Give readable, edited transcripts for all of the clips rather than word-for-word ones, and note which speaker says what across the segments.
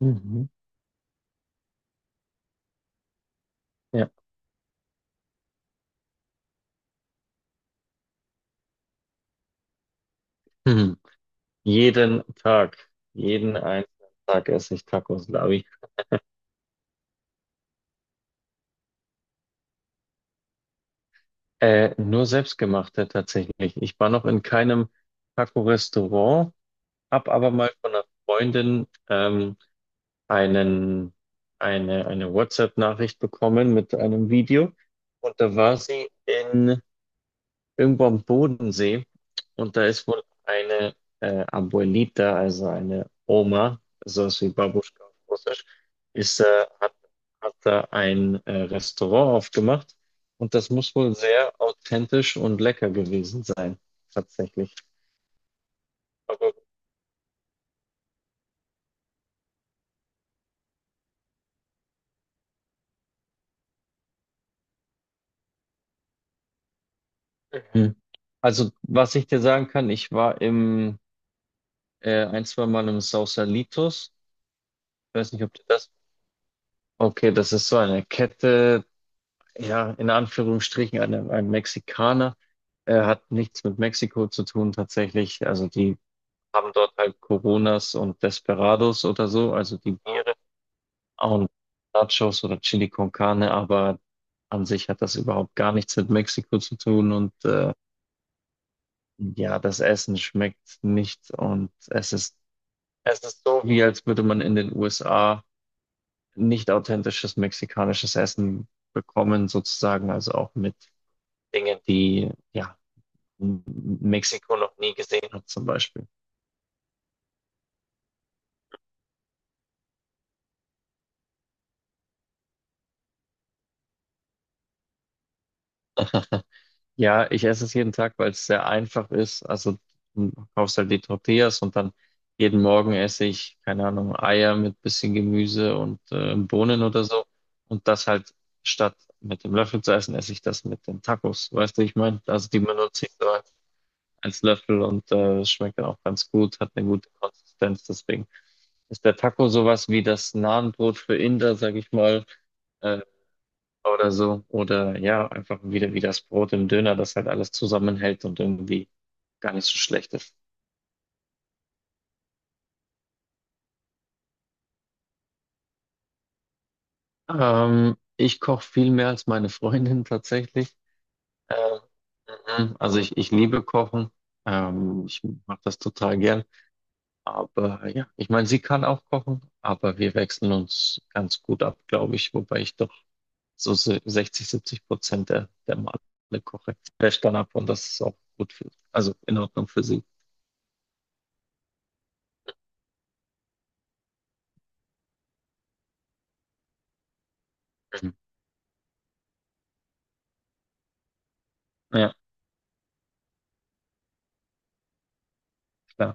Speaker 1: Mhm. Ja. Mhm. Jeden Tag, jeden einzelnen Tag esse ich Tacos, glaube ich. Nur selbstgemachte tatsächlich. Ich war noch in keinem Taco-Restaurant, habe aber mal von einer Freundin einen, eine WhatsApp-Nachricht bekommen mit einem Video. Und da war sie in irgendwo am Bodensee und da ist wohl eine Abuelita, also eine Oma, sowas wie Babuschka auf Russisch, ist, äh, hat, hat da ein Restaurant aufgemacht, und das muss wohl sehr authentisch und lecker gewesen sein, tatsächlich. Aber, mhm. Also, was ich dir sagen kann, ich war im ein, zwei Mal im Sausalitos. Ich weiß nicht, ob du das. Okay, das ist so eine Kette, ja, in Anführungsstrichen einem Mexikaner. Hat nichts mit Mexiko zu tun tatsächlich. Also die haben dort halt Coronas und Desperados oder so, also die Biere und Nachos oder Chili con Carne, aber an sich hat das überhaupt gar nichts mit Mexiko zu tun, und ja, das Essen schmeckt nicht, und es ist so, wie als würde man in den USA nicht authentisches mexikanisches Essen bekommen, sozusagen, also auch mit Dingen, die ja M- Mexiko noch nie gesehen hat zum Beispiel. Ja, ich esse es jeden Tag, weil es sehr einfach ist. Also du kaufst halt die Tortillas und dann jeden Morgen esse ich, keine Ahnung, Eier mit bisschen Gemüse und Bohnen oder so. Und das halt statt mit dem Löffel zu essen, esse ich das mit den Tacos. Weißt du, ich meine, also die benutze ich so als Löffel, und schmeckt dann auch ganz gut, hat eine gute Konsistenz. Deswegen ist der Taco sowas wie das Nahenbrot für Inder, sag ich mal. äh, oder so. Oder ja, einfach wieder wie das Brot im Döner, das halt alles zusammenhält und irgendwie gar nicht so schlecht ist. Ich koche viel mehr als meine Freundin tatsächlich. Ähm, mhm. Also ich liebe Kochen. Ich mache das total gern. Aber ja, ich meine, sie kann auch kochen, aber wir wechseln uns ganz gut ab, glaube ich. Wobei ich doch so 60, 70% der Male koche. Wäscht dann ab, und das ist auch gut für, also in Ordnung für sie. Mhm. Ja, klar.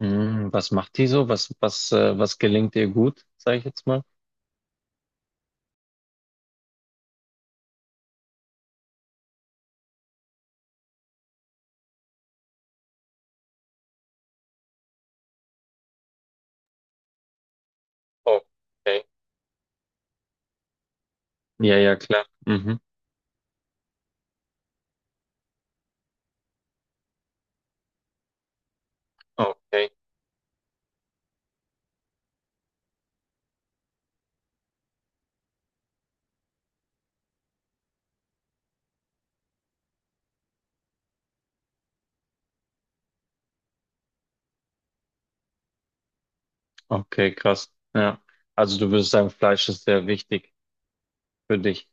Speaker 1: Hm, was macht die so? Was gelingt ihr gut, sage ich jetzt mal? Okay. Ja, ja, klar. Mhm. Okay. Okay, krass. Ja. Also du würdest sagen, Fleisch ist sehr wichtig für dich.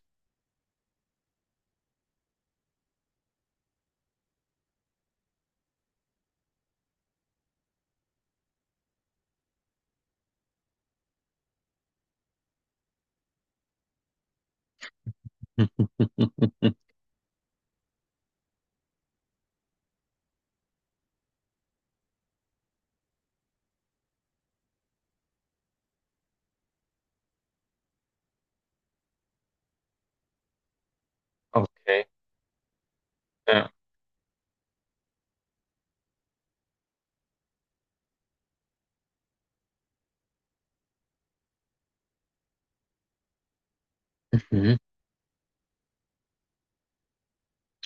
Speaker 1: Okay. Ja. Mhm.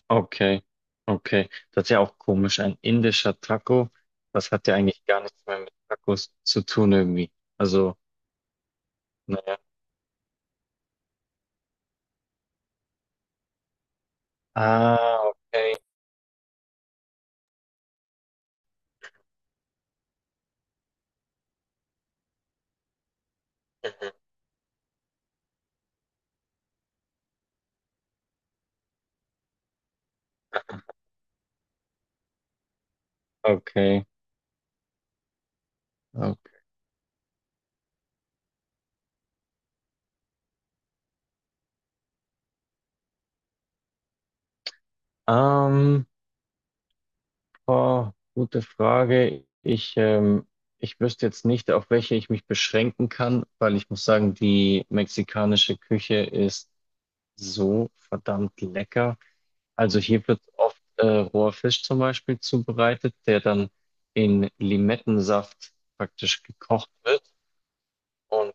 Speaker 1: Okay. Okay. Das ist ja auch komisch. Ein indischer Taco, das hat ja eigentlich gar nichts mehr mit Tacos zu tun irgendwie. Also, naja. Ah, okay. Okay. Okay. Ähm, Oh, gute Frage. Ich wüsste jetzt nicht, auf welche ich mich beschränken kann, weil ich muss sagen, die mexikanische Küche ist so verdammt lecker. Also hier wird oft roher Fisch zum Beispiel zubereitet, der dann in Limettensaft praktisch gekocht wird. Und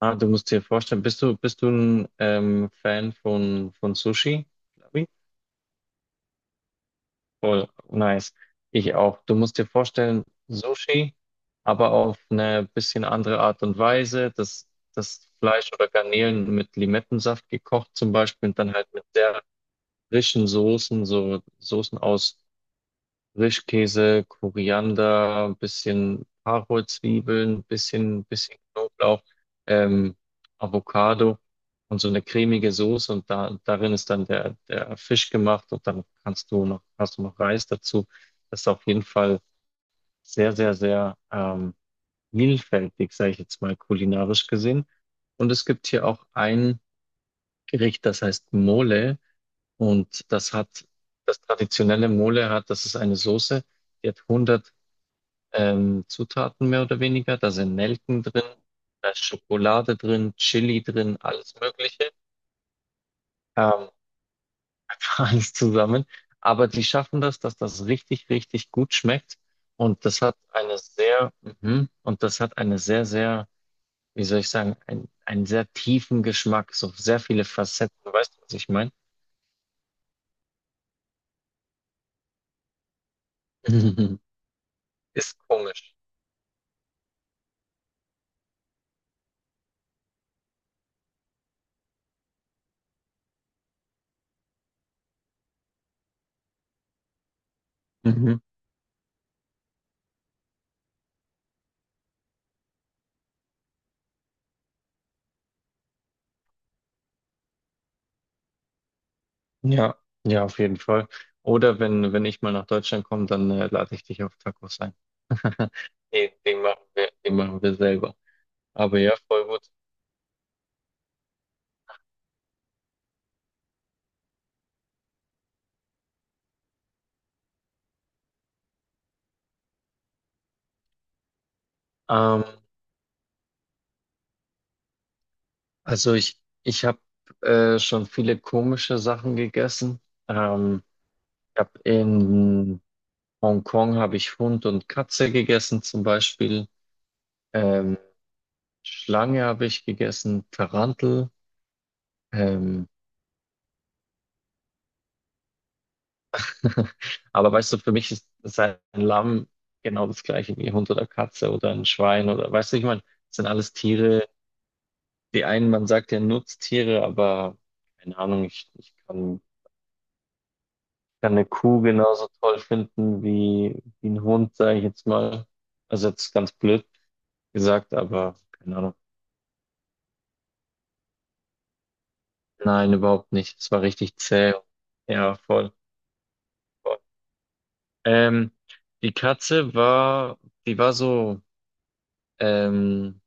Speaker 1: ah, du musst dir vorstellen, bist du ein Fan von Sushi? Labi? Voll nice. Ich auch. Du musst dir vorstellen, Sushi, aber auf eine bisschen andere Art und Weise. Das Fleisch oder Garnelen mit Limettensaft gekocht zum Beispiel und dann halt mit sehr frischen Soßen, so Soßen aus Frischkäse, Koriander, bisschen Karotzwiebeln, bisschen Knoblauch, ähm, Avocado und so eine cremige Soße, und darin ist dann der Fisch gemacht, und dann kannst du noch, hast du noch Reis dazu. Das ist auf jeden Fall sehr, sehr, sehr vielfältig, sage ich jetzt mal kulinarisch gesehen. Und es gibt hier auch ein Gericht, das heißt Mole, und das hat, das traditionelle Mole hat, das ist eine Soße, die hat Zutaten mehr oder weniger. Da sind Nelken drin, da ist Schokolade drin, Chili drin, alles Mögliche, ähm, alles zusammen. Aber die schaffen das, dass das richtig, richtig gut schmeckt. Und das hat eine sehr, sehr, wie soll ich sagen, einen sehr tiefen Geschmack, so sehr viele Facetten. Weißt du, was ich meine? Ist komisch. Mhm. Ja, ja, auf jeden Fall. Oder wenn ich mal nach Deutschland komme, dann lade ich dich auf Tacos ein. Den machen wir selber. Aber ja, voll gut. Ähm, also ich habe schon viele komische Sachen gegessen. Ähm, Ich hab in Hongkong habe ich Hund und Katze gegessen zum Beispiel. Ähm, Schlange habe ich gegessen, Tarantel. Ähm, Aber weißt du, für mich ist ein Lamm genau das gleiche wie ein Hund oder Katze oder ein Schwein, oder weißt du, ich meine, das sind alles Tiere. Die einen, man sagt ja Nutztiere, aber keine Ahnung, kann eine Kuh genauso toll finden wie, wie ein Hund, sage ich jetzt mal. Also jetzt ganz blöd gesagt, aber keine Ahnung. Nein, überhaupt nicht. Es war richtig zäh. Ja, voll. Voll. Ähm, Die Katze war, die war so. Ähm,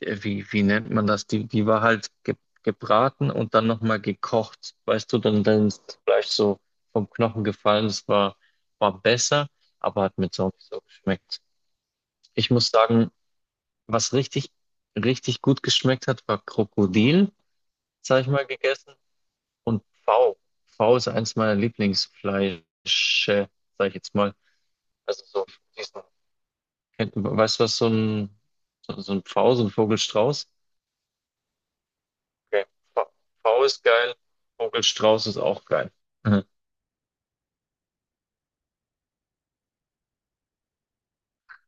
Speaker 1: Wie, wie nennt man das? Die war halt ge gebraten und dann nochmal gekocht. Weißt du, dann ist das Fleisch so vom Knochen gefallen. Das war, war besser, aber hat mir so nicht so geschmeckt. Ich muss sagen, was richtig, richtig gut geschmeckt hat, war Krokodil, das habe ich mal gegessen. Und Pfau. Pfau ist eins meiner Lieblingsfleische, sage ich jetzt mal. Also so diesen, weißt du, was so so ein Pfau, so ein Vogelstrauß? Okay. V V ist geil, Vogelstrauß ist auch geil.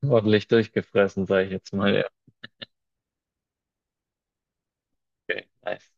Speaker 1: Ordentlich durchgefressen, sage ich jetzt mal. Ja, okay, nice.